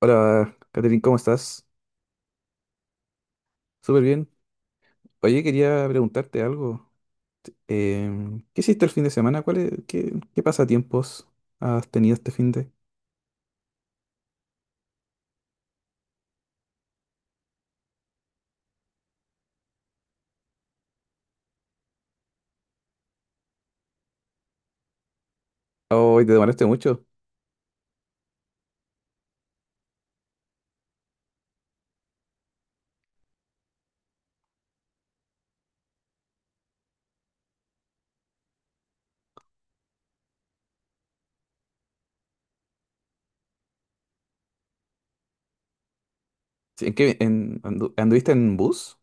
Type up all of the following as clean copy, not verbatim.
Hola, Catherine, ¿cómo estás? Súper bien. Oye, quería preguntarte algo. ¿Qué hiciste el fin de semana? ¿Qué pasatiempos has tenido este fin de? Oh, te demoraste mucho. Sí, ¿en qué, anduviste en bus?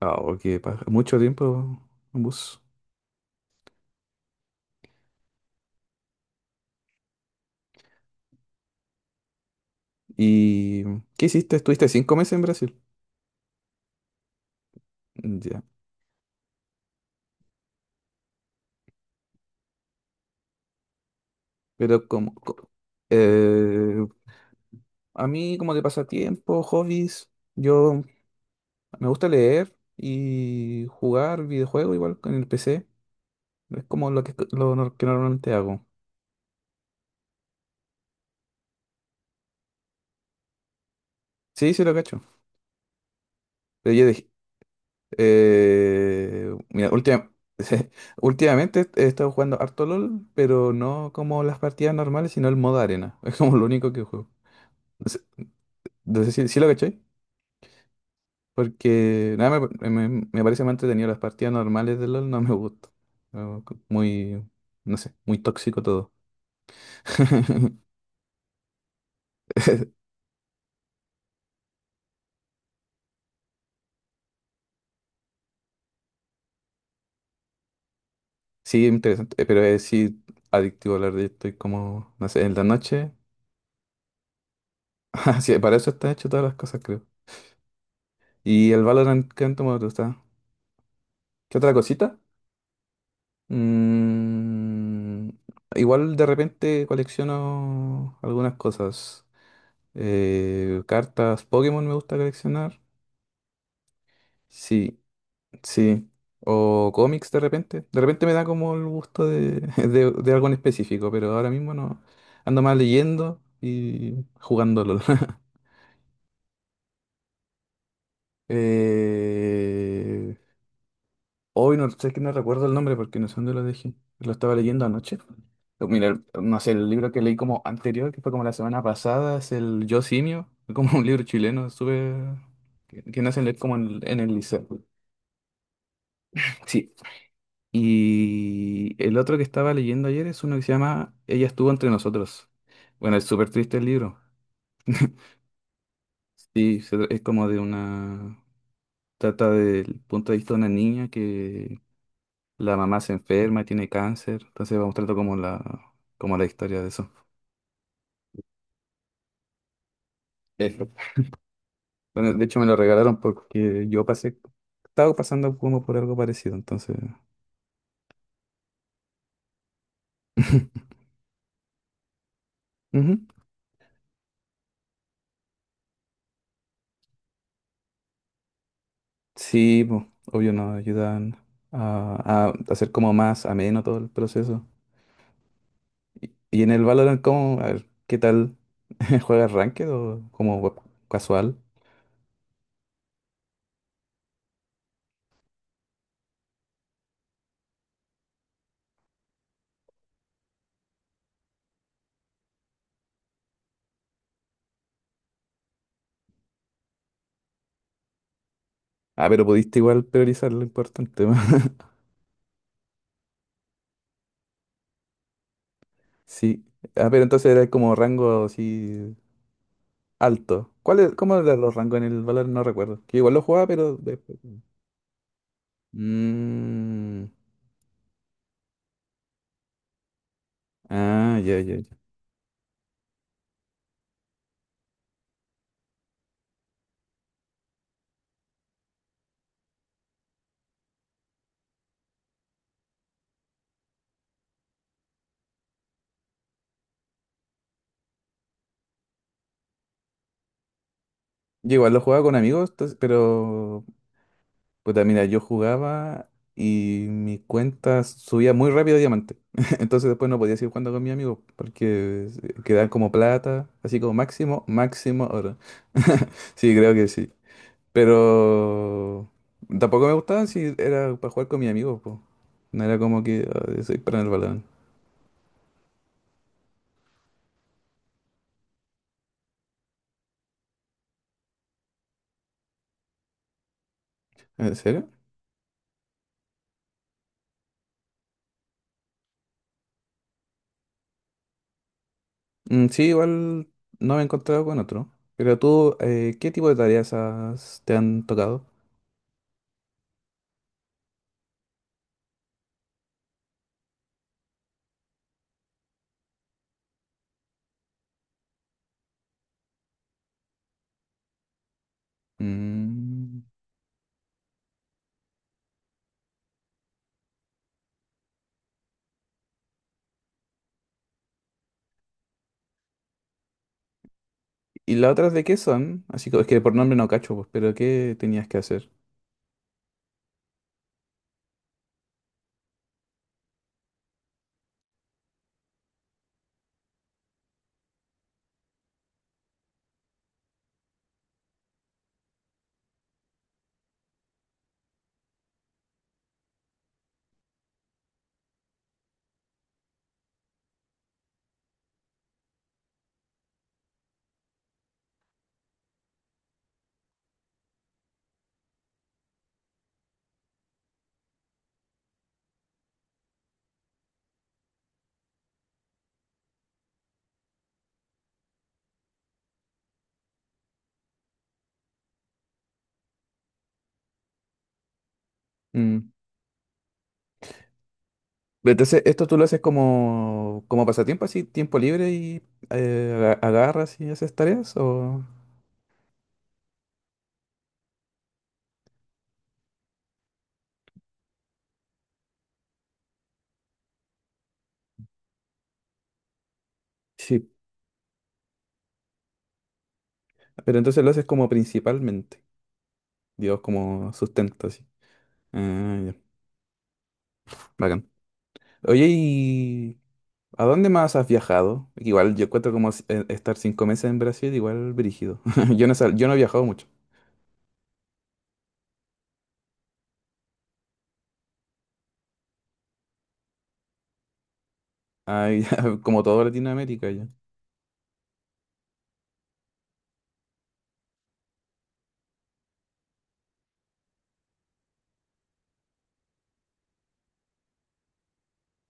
Ah, mucho tiempo en bus. ¿Y qué hiciste? ¿Estuviste 5 meses en Brasil? Mm, ya. Pero como... co- eh, a mí como de pasatiempo, hobbies, yo me gusta leer y jugar videojuegos igual con el PC. Es como lo que, lo nor- que normalmente hago. Sí, sí lo cacho. Pero yo dije, mira, últimamente he estado jugando harto LOL, pero no como las partidas normales, sino el modo arena. Es como lo único que juego. Entonces, sí, sí lo caché. Porque nada, me parece más entretenido las partidas normales de LOL, no me gusta. Muy, no sé, muy tóxico todo. Sí, interesante. Pero es sí adictivo hablar de esto. Y como, no sé, en la noche. Así, para eso está hecho todas las cosas, creo. ¿Y el Valorant qué tanto me gusta? ¿Qué otra cosita? Mm, igual de repente colecciono algunas cosas. Cartas Pokémon me gusta coleccionar. Sí, sí. O cómics de repente. De repente me da como el gusto de, de algo en específico, pero ahora mismo no. Ando más leyendo y jugando LOL. Eh, hoy no sé que no recuerdo el nombre porque no sé dónde lo dejé. Lo estaba leyendo anoche. Pero mira, no sé, el libro que leí como anterior, que fue como la semana pasada, es el Yo Simio, como un libro chileno, súper... que nacen leer como en el liceo. Sí. Y el otro que estaba leyendo ayer es uno que se llama Ella estuvo entre nosotros. Bueno, es súper triste el libro. Sí, es como de una... Trata del punto de vista de una niña que la mamá se enferma y tiene cáncer, entonces va mostrando como la historia de eso. Eso. Bueno, de hecho me lo regalaron porque yo pasé, estaba pasando como por algo parecido, entonces... Ujú. Sí, pues, obvio nos ayudan a hacer como más ameno todo el proceso. Y en el Valorant, ¿cómo? A ver, ¿qué tal? ¿Juegas ranked o casual? Ah, pero pudiste igual priorizar lo importante. Sí. Ah, pero entonces era como rango así alto. ¿Cuál es, cómo eran los rangos en el valor? No recuerdo. Que igual lo jugaba, pero después. Mm, mm, ah, ya, ya, ya. Yo igual lo jugaba con amigos, entonces, pero. Puta, mira, yo jugaba y mi cuenta subía muy rápido a diamante. Entonces después no podía seguir jugando con mi amigo porque quedaban como plata, así como máximo, máximo oro. Sí, creo que sí. Pero tampoco me gustaba si era para jugar con mi amigo, po. No era como que ah, soy para el balón. ¿En serio? Mm, sí, igual no me he encontrado con otro. Pero tú, ¿qué tipo de tareas te han tocado? Mm, ¿y las otras de qué son? Así que es que por nombre no cacho, pues, pero ¿qué tenías que hacer? Mm, pero entonces, esto tú lo haces como, como pasatiempo, así, tiempo libre y agarras y haces tareas, o... Sí, pero entonces lo haces como principalmente, digo, como sustento, así. Ah, ya, bacán. Oye, ¿y ¿a dónde más has viajado? Igual yo encuentro como si- estar 5 meses en Brasil, igual brígido. Yo no, yo no he viajado mucho. Ay, como toda Latinoamérica ya.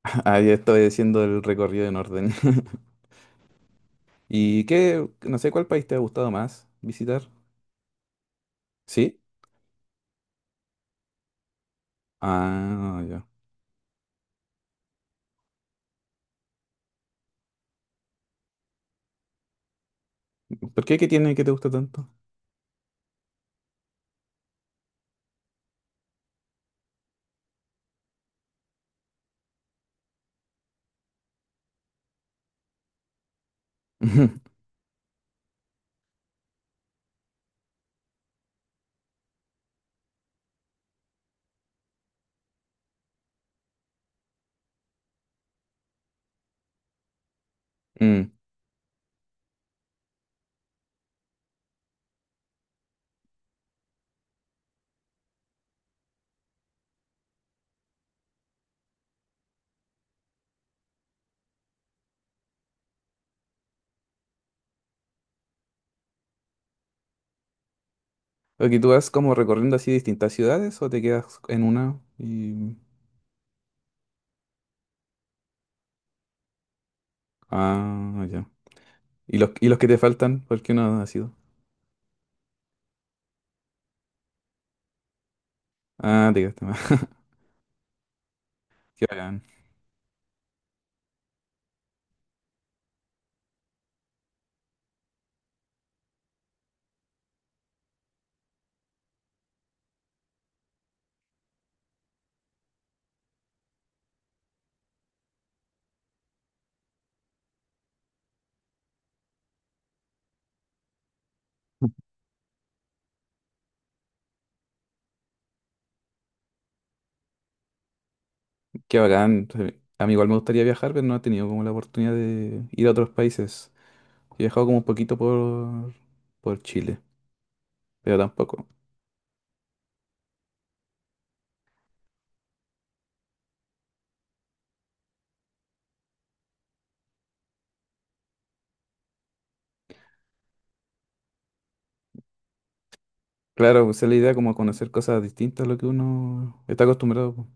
Ahí estoy haciendo el recorrido en orden. ¿Y qué? No sé cuál país te ha gustado más visitar. ¿Sí? Ah, ya. ¿Por qué? ¿Qué tiene que te gusta tanto? Mm. Ok, ¿tú vas como recorriendo así distintas ciudades o te quedas en una? Y... Ah, ya. Y los que te faltan? ¿Por qué no has ido? Ah, te quedaste más. Qué bacán. Qué bacán. A mí igual me gustaría viajar, pero no he tenido como la oportunidad de ir a otros países. He viajado como un poquito por Chile, pero tampoco. Claro, pues esa es la idea como conocer cosas distintas a lo que uno está acostumbrado, po.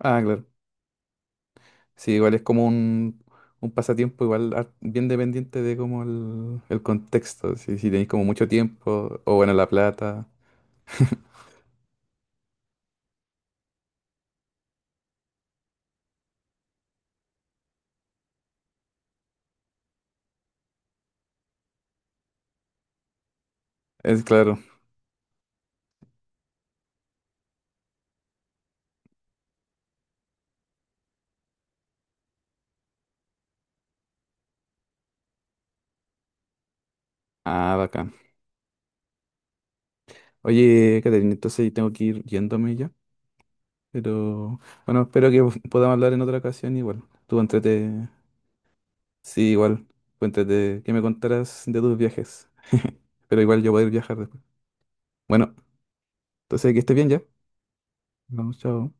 Ah, claro. Sí, igual es como un pasatiempo igual bien dependiente de como el contexto. Si, si tenéis como mucho tiempo o bueno, la plata. Es claro. Ah, bacán. Oye, Caterina, entonces tengo que ir yéndome ya. Pero bueno, espero que podamos hablar en otra ocasión igual. Tú entrete, sí, igual, tú entrete que me contarás de tus viajes. Pero igual yo voy a ir viajar después. Bueno, entonces que estés bien ya. Vamos, chao.